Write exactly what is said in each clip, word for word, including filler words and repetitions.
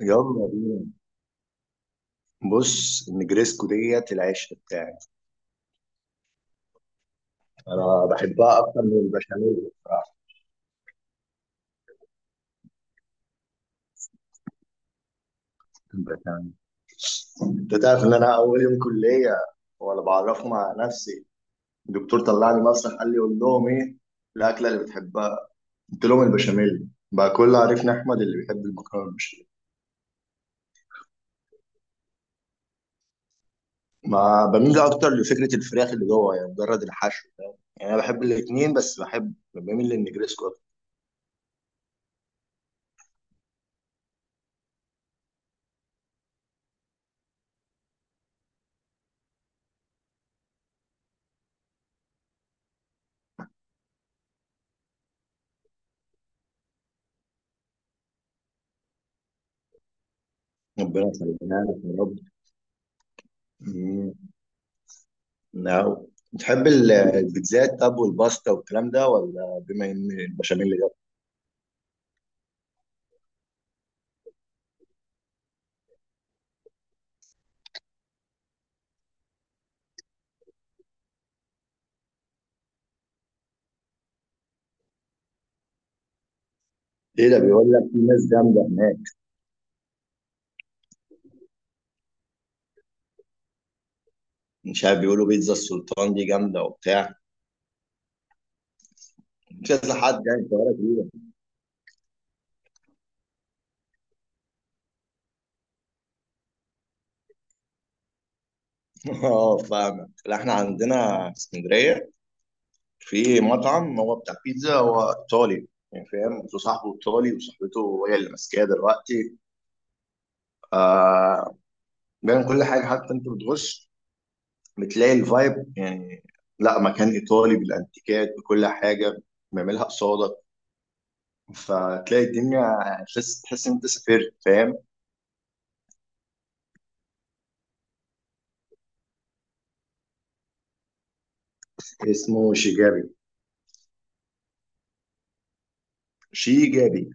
يلا بينا. بص، النجريسكو ديت العشق بتاعي. انا بحبها اكتر من البشاميل بصراحه. البشاميل، انت تعرف ان انا اول يوم كليه وانا بعرف مع نفسي، الدكتور طلعني مسرح قال لي قول لهم ايه الاكله اللي بتحبها، قلت لهم البشاميل بقى. كل عرفنا احمد اللي بيحب المكرونه بالبشاميل. ما بميل اكتر لفكره الفراخ اللي جوه، يعني مجرد الحشو، فاهم؟ يعني انا بحب الاثنين، بس بحب بميل للنجريسكو اكتر. ربنا يخلينا لك يا رب. نعم. بتحب ال- البيتزات طب والباستا والكلام ده، ولا بما ان البشاميل ده؟ ايه ده، بيقول لك في ناس جامده هناك. مش عارف، بيقولوا بيتزا السلطان دي جامده وبتاع كذا حد يعني في القاهره كبيره. اه فاهمك. لا، احنا عندنا في اسكندريه في مطعم، هو بتاع بيتزا، هو ايطالي يعني، فاهم؟ صاحبه ايطالي، وصاحبته هي اللي ماسكاه دلوقتي. آه. بيعمل كل حاجه، حتى انت بتغش، بتلاقي الفايب يعني. لا، مكان ايطالي بالانتيكات بكل حاجه، بيعملها قصادك، فتلاقي الدنيا، تحس تحس ان انت سافرت، فاهم. اسمه شيجابي. شيجابي.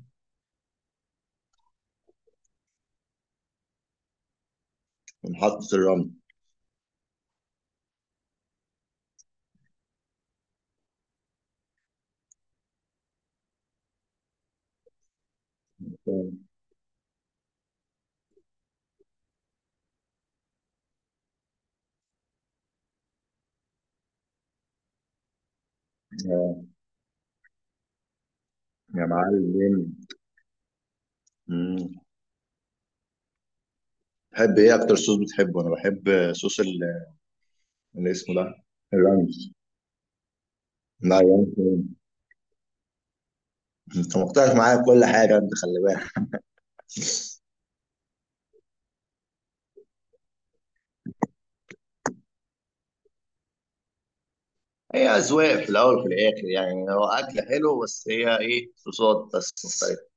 محطه الرمل. آه، يا معلم. مم. تحب ايه اكتر؟ صوص بتحبه؟ انا بحب صوص ال- اللي اسمه ده، الرمل. لا يعني، انت مقتنع معايا بكل حاجه، انت خلي بالك. هي اذواق في الاول وفي الاخر، يعني هو اكل حلو، بس هي ايه، صوصات بس مختلفه.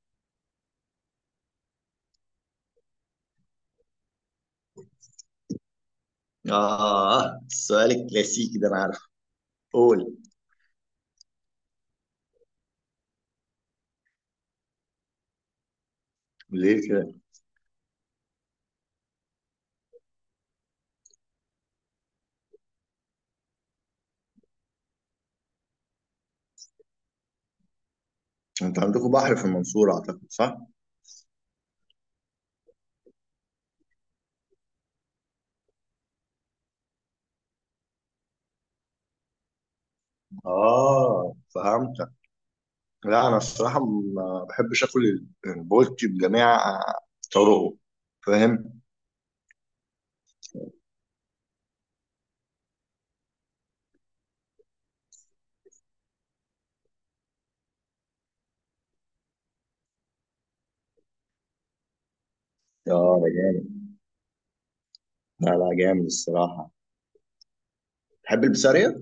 آه، السؤال الكلاسيكي ده أنا عارف. قول. ليه كده؟ انت عندكم بحر في المنصورة اعتقد، صح؟ آه فهمتك. لا، انا الصراحة ما بحبش اكل البولتي بجميع طرقه، فاهم؟ آه ده جامد. لا لا، جامد الصراحة. تحب البسارية؟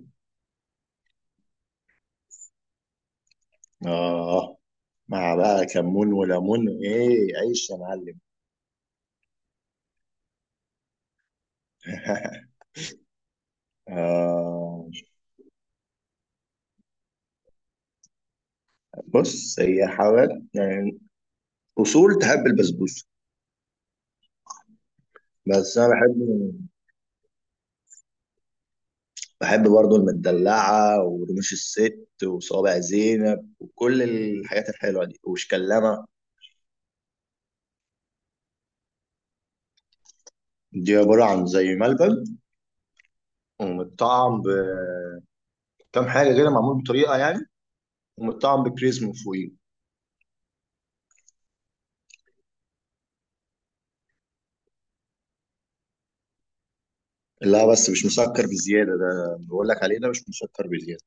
اه، مع بقى كمون وليمون، ايه، عيش يا معلم. آه. بص، هي حاجات يعني أصول. تحب البسبوسة؟ بس أنا بحب، بحب برضو المدلعة ورموش الست وصوابع زينب وكل الحاجات الحلوة دي، وشكلامة. دي عبارة عن زي ملبن ومتطعم بكام حاجة كده، معمول بطريقة يعني، ومتطعم بكريز من فوقيه. لا بس مش مسكر بزيادة، ده بقول لك عليه ده مش مسكر بزيادة.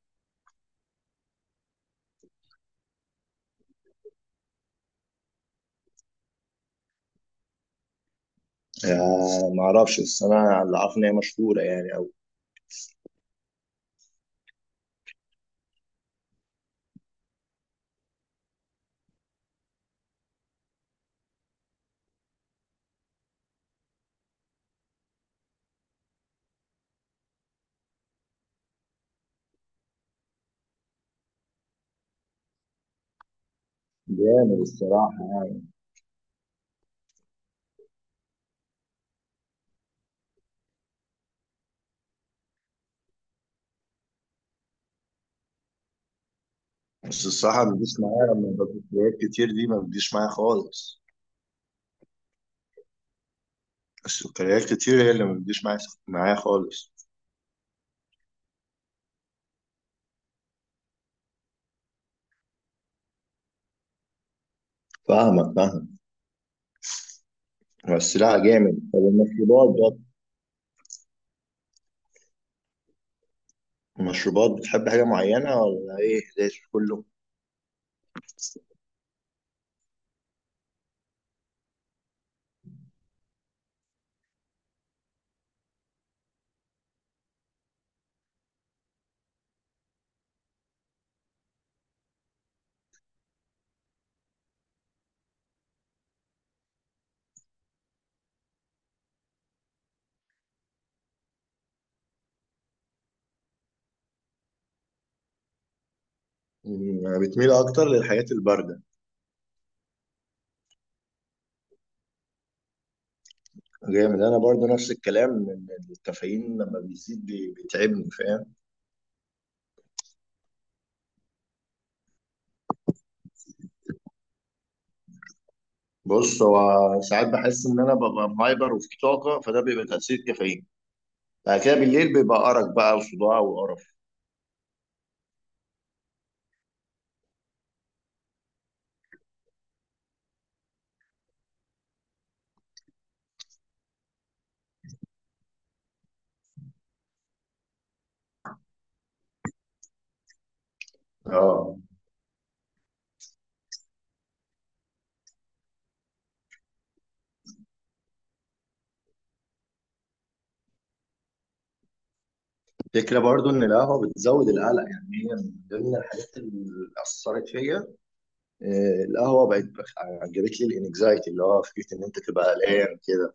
آه ما اعرفش، بس انا اللي عارف ان هي مشهورة يعني، او جامد الصراحة. بس الصراحة ما بتجيش معايا لما بسكريات كتير، دي ما بتجيش معايا خالص. السكريات كتير هي اللي ما بتجيش معايا، معايا خالص. فاهمك، فاهم. هو السلع جامد. طب المشروبات بقى، المشروبات بتحب حاجة معينة ولا ايه، ليش كله؟ مم، بتميل اكتر للحاجات الباردة. جامد، انا برضو نفس الكلام، إن الكافيين لما بيزيد بي- بيتعبني، فاهم. بص هو، ساعات بحس ان انا ببقى مهايبر وفي طاقة، فده بيبقى تأثير كافيين. بعد كده بالليل بيبقى أرق بقى وصداع وقرف. اه، الفكرة برضو ان القهوة بتزود القلق، يعني هي من ضمن الحاجات اللي أثرت فيا. آه، القهوة بقت بخ- جابت لي الانكزايتي، اللي هو فكرة إن أنت تبقى قلقان كده.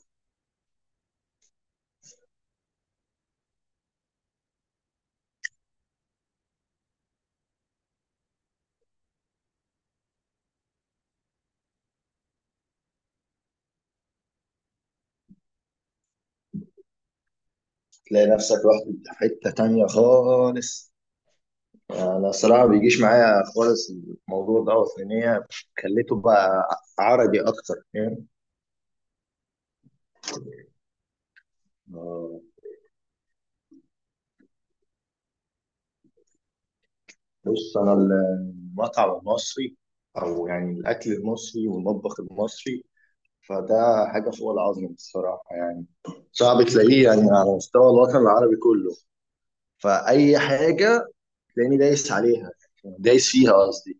تلاقي نفسك رحت في حتة تانية خالص. أنا الصراحة ما بيجيش معايا خالص الموضوع ده، لأن هي خليته بقى عربي أكتر، فاهم. آه، بص، أنا المطعم المصري، أو يعني الأكل المصري والمطبخ المصري، فده حاجة فوق العظم الصراحة يعني. صعب تلاقيه يعني على مستوى الوطن العربي كله. فأي حاجة تلاقيني دايس عليها، دايس فيها قصدي.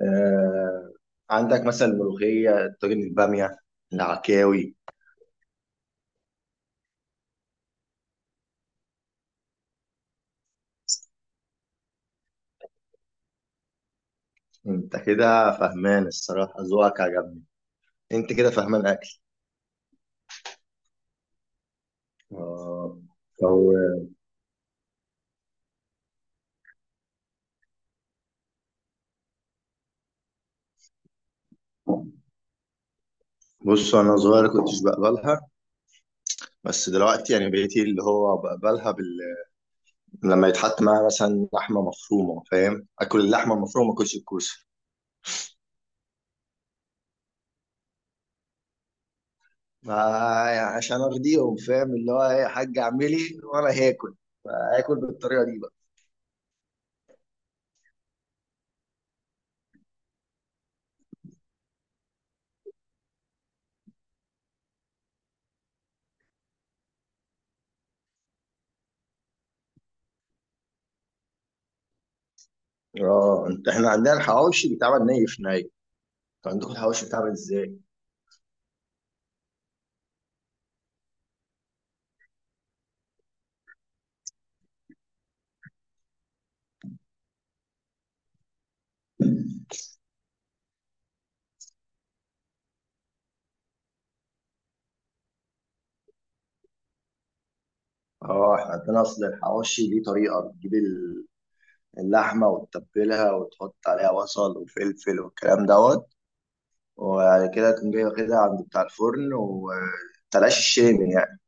آه، عندك مثلا الملوخية، الطاجن، البامية، العكاوي. انت كده فهمان الصراحة، ذوقك عجبني. انت كده فهمان اكل. آه. أو بص، انا صغير كنتش بقبلها، بس دلوقتي يعني بقيت اللي هو بقبلها بال... لما يتحط معاها مثلا لحمة مفرومة، فاهم، اكل اللحمة المفرومة، ما اكلش الكوسة. ما- يعني عشان ارضيهم، فاهم، اللي هو ايه، يا حاج اعملي وانا هاكل، فاكل بالطريقة دي بقى. اه انت، احنا عندنا الحواوشي بيتعمل ني في ني، انتوا عندكم الحواوشي بيتعمل ازاي؟ اه، احنا عندنا اصل الحواوشي ليه طريقه، بتجيب ال- اللحمه وتتبلها وتحط عليها بصل وفلفل والكلام دوت، وبعد كده تقوم جاي واخدها عند بتاع الفرن وتلاش الشامي يعني،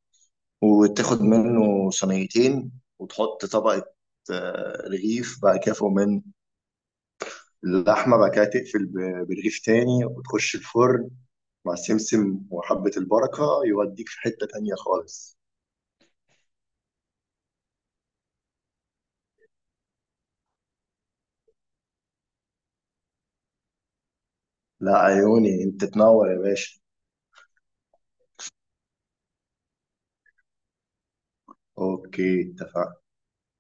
وتاخد منه صينيتين، وتحط طبقه آه، رغيف، بعد كده فوق منه اللحمة، بعد كده تقفل ب- برغيف تاني وتخش الفرن مع سمسم وحبة البركة، يوديك في حتة تانية خالص. لا عيوني، انت تنور يا باشا. اوكي اتفقنا.